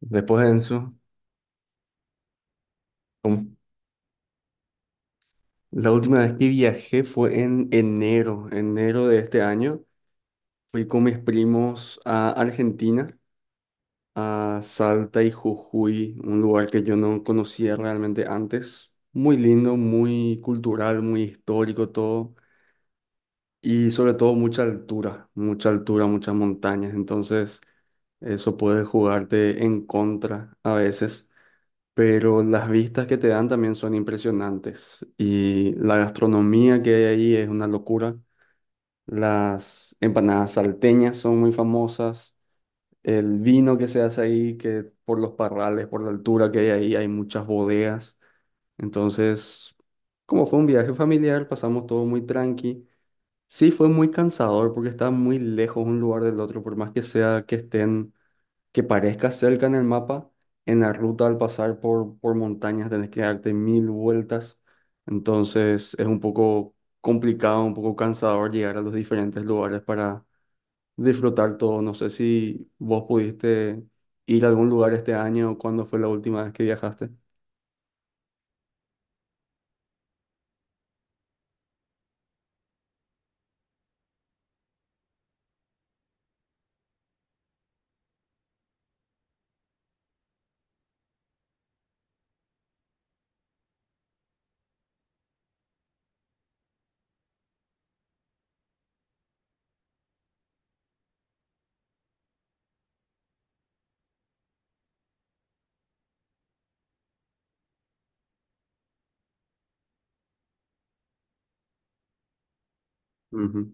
Después de eso, con- la última vez que viajé fue en enero, enero de este año. Fui con mis primos a Argentina, a Salta y Jujuy, un lugar que yo no conocía realmente antes. Muy lindo, muy cultural, muy histórico todo. Y sobre todo mucha altura, muchas montañas. Entonces, eso puede jugarte en contra a veces, pero las vistas que te dan también son impresionantes y la gastronomía que hay ahí es una locura. Las empanadas salteñas son muy famosas, el vino que se hace ahí, que por los parrales, por la altura que hay ahí, hay muchas bodegas. Entonces, como fue un viaje familiar, pasamos todo muy tranqui. Sí, fue muy cansador porque está muy lejos un lugar del otro, por más que sea que estén, que parezca cerca en el mapa, en la ruta al pasar por montañas tenés que darte mil vueltas. Entonces es un poco complicado, un poco cansador llegar a los diferentes lugares para disfrutar todo. No sé si vos pudiste ir a algún lugar este año o cuándo fue la última vez que viajaste. Ujú,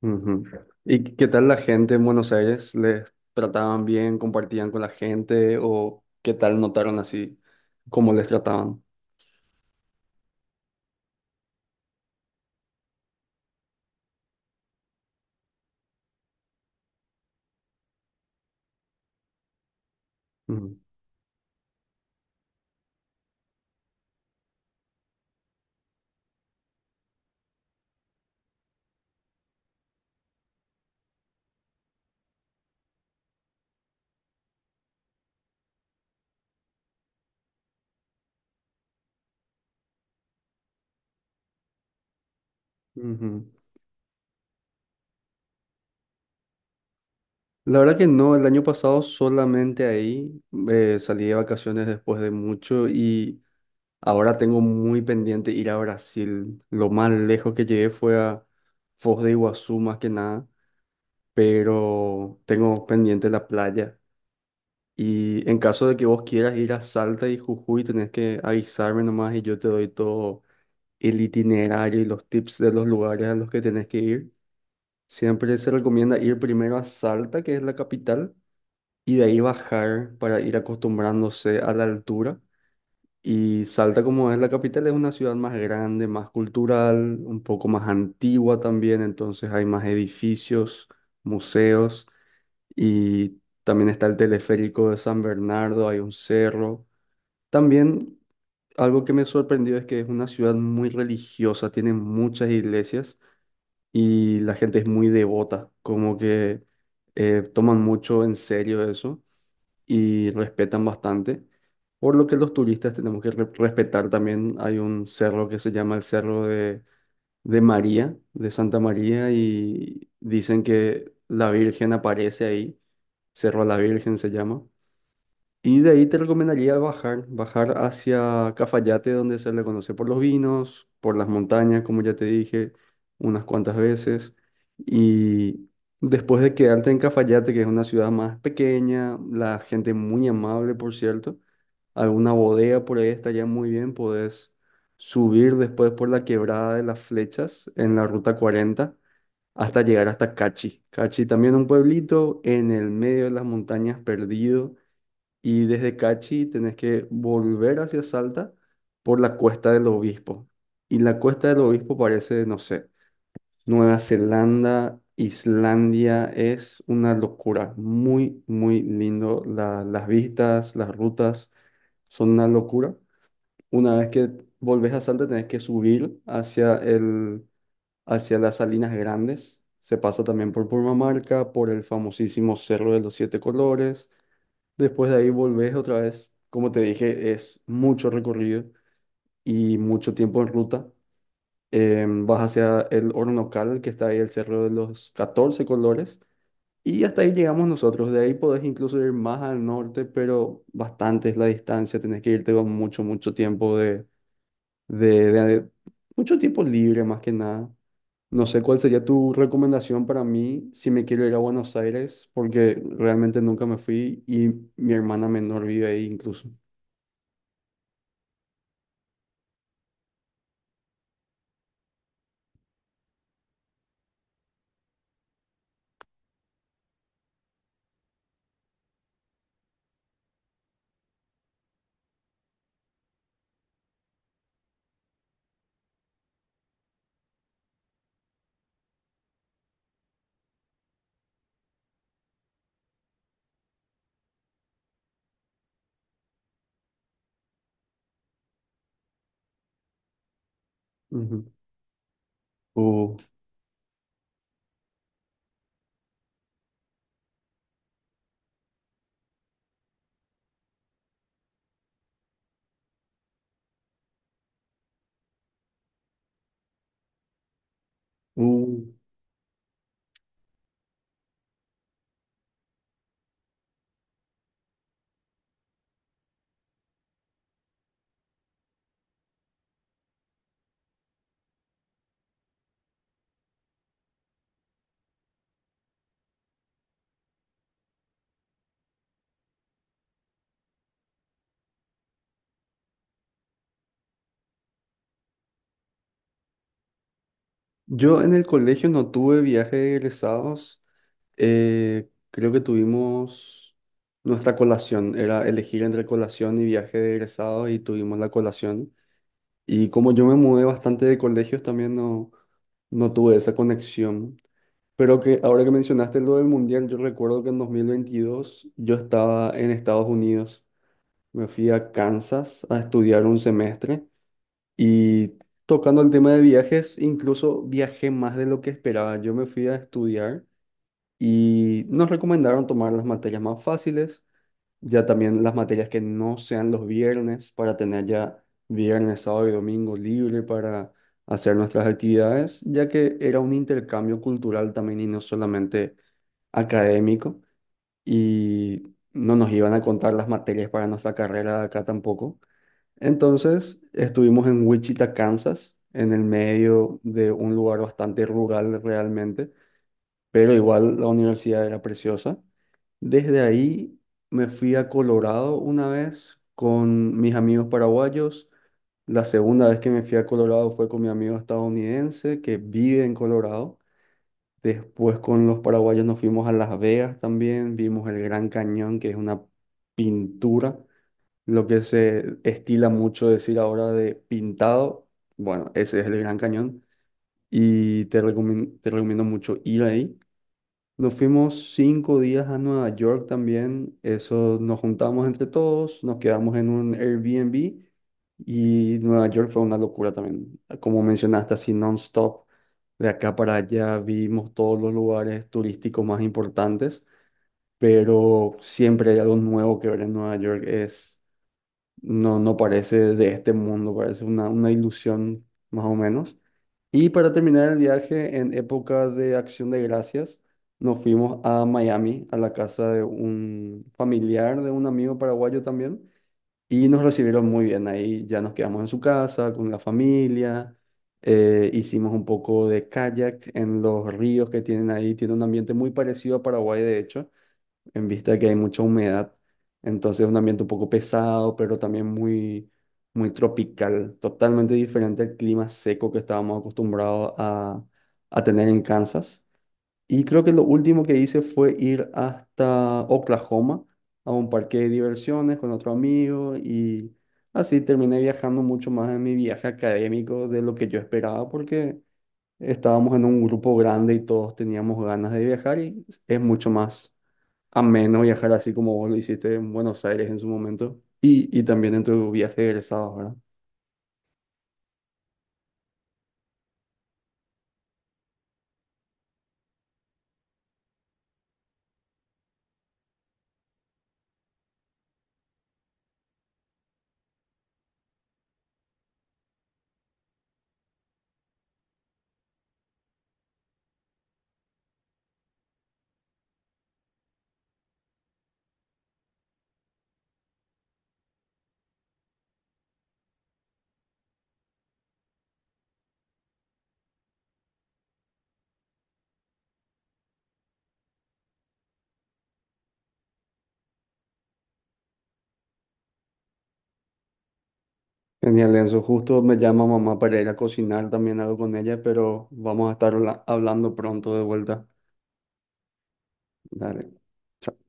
ujú. ¿Y qué tal la gente en Buenos Aires? ¿Les trataban bien, compartían con la gente o qué tal notaron así cómo les trataban? Ujú, ujú. La verdad que no, el año pasado solamente ahí salí de vacaciones después de mucho y ahora tengo muy pendiente ir a Brasil. Lo más lejos que llegué fue a Foz de Iguazú más que nada, pero tengo pendiente la playa. Y en caso de que vos quieras ir a Salta y Jujuy, tenés que avisarme nomás y yo te doy todo el itinerario y los tips de los lugares a los que tenés que ir. Siempre se recomienda ir primero a Salta, que es la capital, y de ahí bajar para ir acostumbrándose a la altura. Y Salta, como es la capital, es una ciudad más grande, más cultural, un poco más antigua también, entonces hay más edificios, museos, y también está el teleférico de San Bernardo, hay un cerro. También algo que me sorprendió es que es una ciudad muy religiosa, tiene muchas iglesias y la gente es muy devota, como que toman mucho en serio eso y respetan bastante. Por lo que los turistas tenemos que respetar también. Hay un cerro que se llama el Cerro de María, de Santa María, y dicen que la Virgen aparece ahí. Cerro a la Virgen se llama. Y de ahí te recomendaría bajar, bajar hacia Cafayate, donde se le conoce por los vinos, por las montañas, como ya te dije unas cuantas veces. Y después de quedarte en Cafayate, que es una ciudad más pequeña, la gente muy amable, por cierto, alguna bodega por ahí estaría muy bien, podés subir después por la quebrada de las flechas en la ruta 40 hasta llegar hasta Cachi. Cachi también un pueblito en el medio de las montañas perdido, y desde Cachi tenés que volver hacia Salta por la Cuesta del Obispo. Y la Cuesta del Obispo parece, no sé, Nueva Zelanda, Islandia, es una locura. Muy, muy lindo. Las vistas, las rutas son una locura. Una vez que volvés a Salta tenés que subir hacia el, hacia las Salinas Grandes. Se pasa también por Purmamarca, por el famosísimo Cerro de los Siete Colores. Después de ahí volvés otra vez. Como te dije, es mucho recorrido y mucho tiempo en ruta. Vas hacia el Hornocal, que está ahí el Cerro de los 14 Colores. Y hasta ahí llegamos nosotros. De ahí podés incluso ir más al norte, pero bastante es la distancia. Tenés que irte con mucho, mucho tiempo de mucho tiempo libre más que nada. No sé cuál sería tu recomendación para mí si me quiero ir a Buenos Aires, porque realmente nunca me fui y mi hermana menor vive ahí incluso. Ujú. Uh, uh. Yo en el colegio no tuve viaje de egresados. Creo que tuvimos nuestra colación, era elegir entre colación y viaje de egresados y tuvimos la colación. Y como yo me mudé bastante de colegios, también no, no tuve esa conexión. Pero que ahora que mencionaste lo del mundial, yo recuerdo que en 2022 yo estaba en Estados Unidos. Me fui a Kansas a estudiar un semestre y, tocando el tema de viajes, incluso viajé más de lo que esperaba. Yo me fui a estudiar y nos recomendaron tomar las materias más fáciles, ya también las materias que no sean los viernes para tener ya viernes, sábado y domingo libre para hacer nuestras actividades, ya que era un intercambio cultural también y no solamente académico, y no nos iban a contar las materias para nuestra carrera de acá tampoco. Entonces estuvimos en Wichita, Kansas, en el medio de un lugar bastante rural realmente, pero igual la universidad era preciosa. Desde ahí me fui a Colorado una vez con mis amigos paraguayos. La segunda vez que me fui a Colorado fue con mi amigo estadounidense que vive en Colorado. Después con los paraguayos nos fuimos a Las Vegas también, vimos el Gran Cañón, que es una pintura, lo que se estila mucho decir ahora de pintado. Bueno, ese es el Gran Cañón y te recomiendo mucho ir ahí. Nos fuimos 5 días a Nueva York también. Eso nos juntamos entre todos, nos quedamos en un Airbnb y Nueva York fue una locura también. Como mencionaste, así non-stop, de acá para allá vimos todos los lugares turísticos más importantes, pero siempre hay algo nuevo que ver en Nueva York. Es, no, no parece de este mundo, parece una ilusión más o menos. Y para terminar el viaje, en época de Acción de Gracias, nos fuimos a Miami, a la casa de un familiar de un amigo paraguayo también, y nos recibieron muy bien. Ahí ya nos quedamos en su casa con la familia, hicimos un poco de kayak en los ríos que tienen ahí, tiene un ambiente muy parecido a Paraguay, de hecho, en vista de que hay mucha humedad. Entonces es un ambiente un poco pesado, pero también muy, muy tropical, totalmente diferente al clima seco que estábamos acostumbrados a tener en Kansas. Y creo que lo último que hice fue ir hasta Oklahoma a un parque de diversiones con otro amigo, y así terminé viajando mucho más en mi viaje académico de lo que yo esperaba porque estábamos en un grupo grande y todos teníamos ganas de viajar y es mucho más ameno viajar así como vos lo hiciste en Buenos Aires en su momento y también en tu viaje de egresados, ¿verdad? Genial, Enzo. Justo me llama mamá para ir a cocinar también algo con ella, pero vamos a estar hablando pronto de vuelta. Dale. Chao.